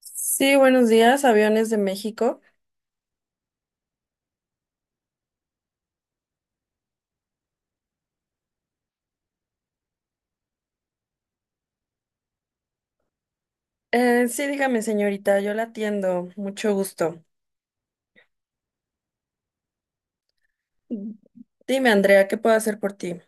Sí, buenos días, Aviones de México. Sí, dígame, señorita, yo la atiendo, mucho gusto. Dime, Andrea, ¿qué puedo hacer por ti?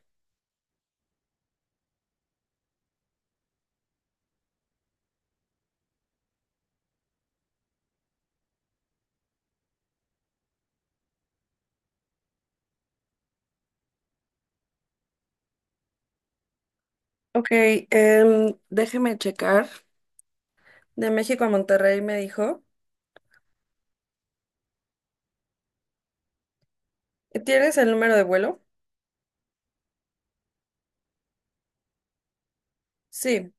Ok, déjeme checar. De México a Monterrey me dijo. ¿Tienes el número de vuelo? Sí,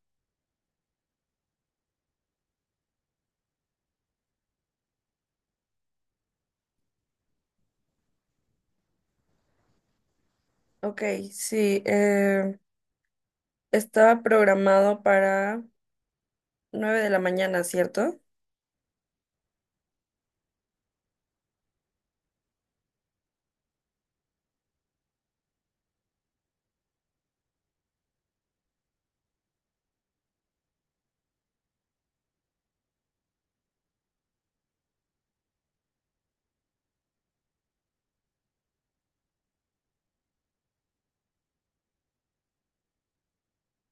ok, sí. Estaba programado para 9 de la mañana, ¿cierto?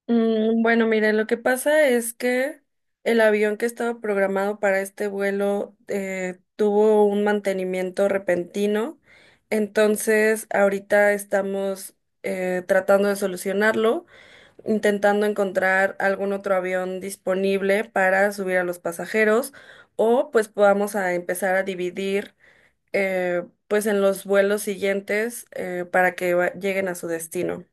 Bueno, mire, lo que pasa es que el avión que estaba programado para este vuelo tuvo un mantenimiento repentino, entonces ahorita estamos tratando de solucionarlo, intentando encontrar algún otro avión disponible para subir a los pasajeros o pues podamos a empezar a dividir, pues en los vuelos siguientes para que lleguen a su destino.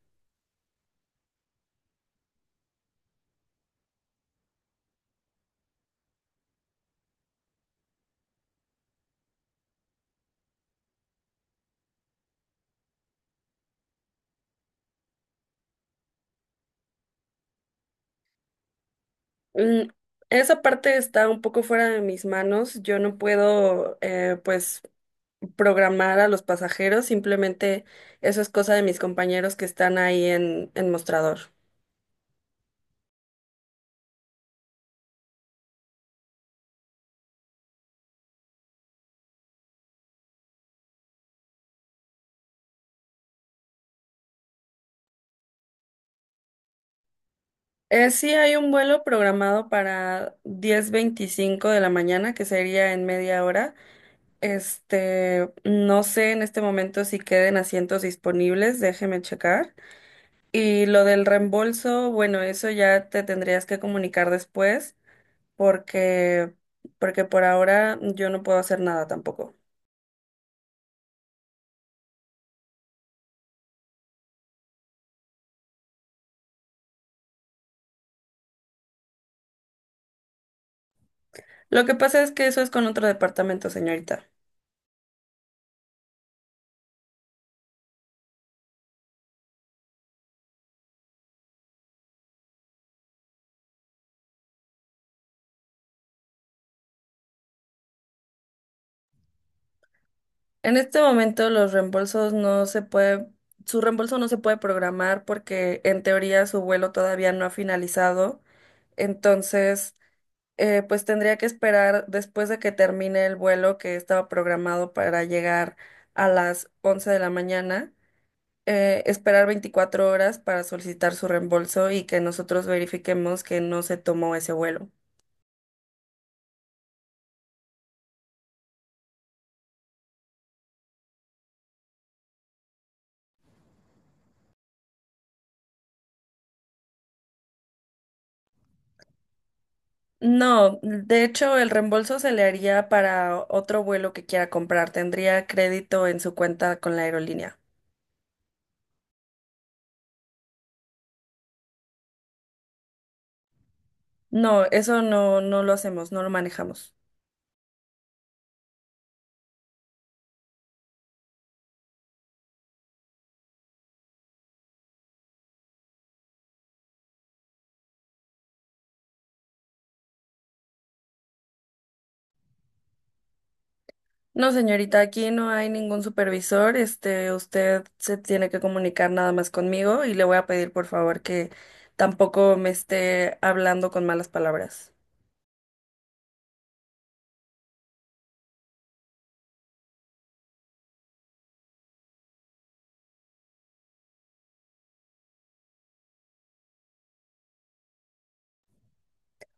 Mm, Esa parte está un poco fuera de mis manos. Yo no puedo, pues, programar a los pasajeros. Simplemente eso es cosa de mis compañeros que están ahí en mostrador. Sí hay un vuelo programado para 10:25 de la mañana, que sería en media hora. Este, no sé en este momento si queden asientos disponibles, déjeme checar. Y lo del reembolso, bueno, eso ya te tendrías que comunicar después, porque, porque por ahora yo no puedo hacer nada tampoco. Lo que pasa es que eso es con otro departamento, señorita. En este momento los reembolsos no se puede, su reembolso no se puede programar porque en teoría su vuelo todavía no ha finalizado. Entonces, pues tendría que esperar después de que termine el vuelo que estaba programado para llegar a las 11 de la mañana. Esperar 24 horas para solicitar su reembolso y que nosotros verifiquemos que no se tomó ese vuelo. No, de hecho, el reembolso se le haría para otro vuelo que quiera comprar. Tendría crédito en su cuenta con la aerolínea. No, eso no, no lo hacemos, no lo manejamos. No, señorita, aquí no hay ningún supervisor. Este, usted se tiene que comunicar nada más conmigo y le voy a pedir, por favor, que tampoco me esté hablando con malas palabras.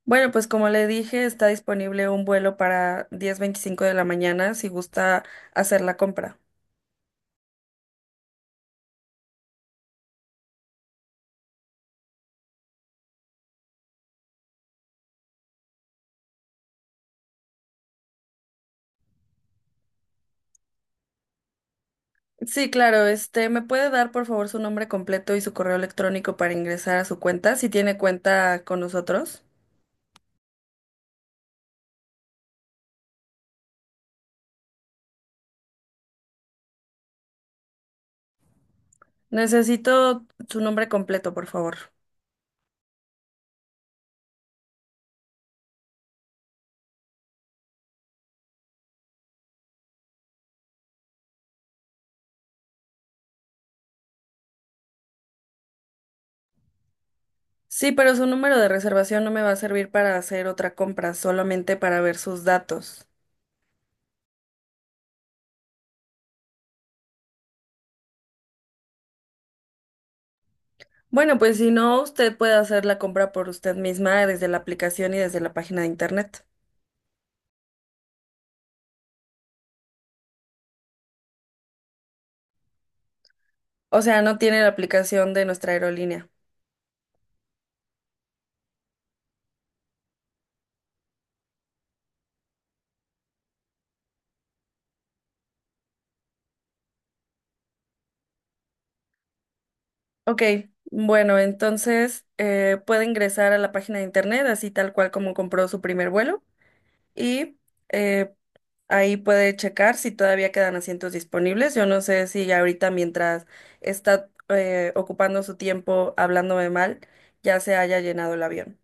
Bueno, pues como le dije, está disponible un vuelo para 10:25 de la mañana si gusta hacer la compra. Sí, claro, este, ¿me puede dar por favor su nombre completo y su correo electrónico para ingresar a su cuenta, si tiene cuenta con nosotros? Necesito su nombre completo, por favor. Sí, pero su número de reservación no me va a servir para hacer otra compra, solamente para ver sus datos. Bueno, pues si no, usted puede hacer la compra por usted misma desde la aplicación y desde la página de internet. O sea, no tiene la aplicación de nuestra aerolínea. Ok, bueno, entonces puede ingresar a la página de internet, así tal cual como compró su primer vuelo, y eh, ahí puede checar si todavía quedan asientos disponibles. Yo no sé si ahorita mientras está ocupando su tiempo hablándome mal, ya se haya llenado el avión.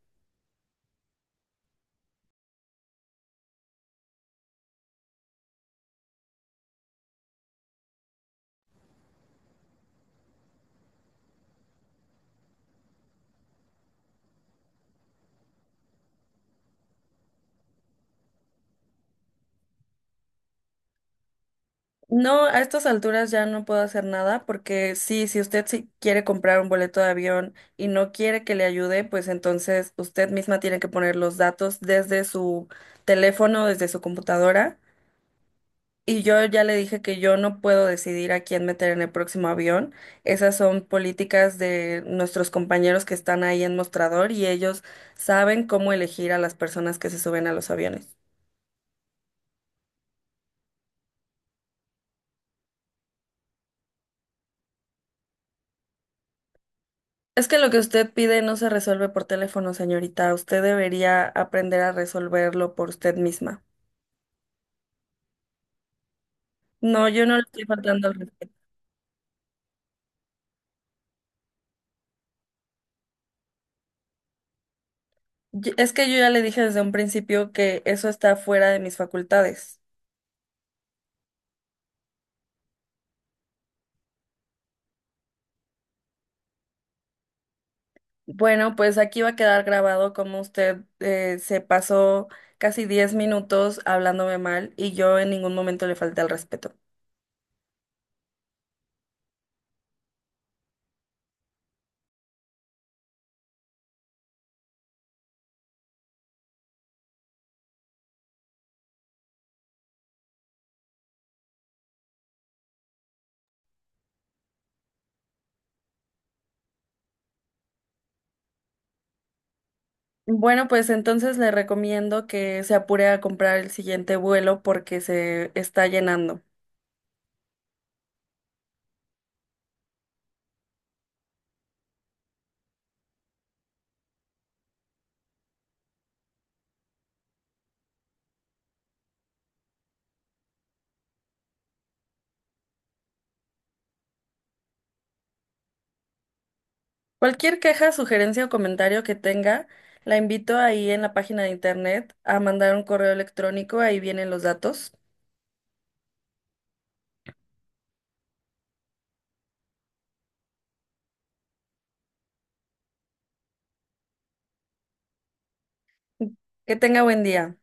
No, a estas alturas ya no puedo hacer nada porque sí, si usted sí quiere comprar un boleto de avión y no quiere que le ayude, pues entonces usted misma tiene que poner los datos desde su teléfono, desde su computadora. Y yo ya le dije que yo no puedo decidir a quién meter en el próximo avión. Esas son políticas de nuestros compañeros que están ahí en mostrador y ellos saben cómo elegir a las personas que se suben a los aviones. Es que lo que usted pide no se resuelve por teléfono, señorita. Usted debería aprender a resolverlo por usted misma. No, yo no le estoy faltando al respeto. Es que yo ya le dije desde un principio que eso está fuera de mis facultades. Bueno, pues aquí va a quedar grabado cómo usted se pasó casi 10 minutos hablándome mal y yo en ningún momento le falté al respeto. Bueno, pues entonces le recomiendo que se apure a comprar el siguiente vuelo porque se está llenando. Cualquier queja, sugerencia o comentario que tenga, la invito ahí en la página de internet a mandar un correo electrónico, ahí vienen los datos. Que tenga buen día.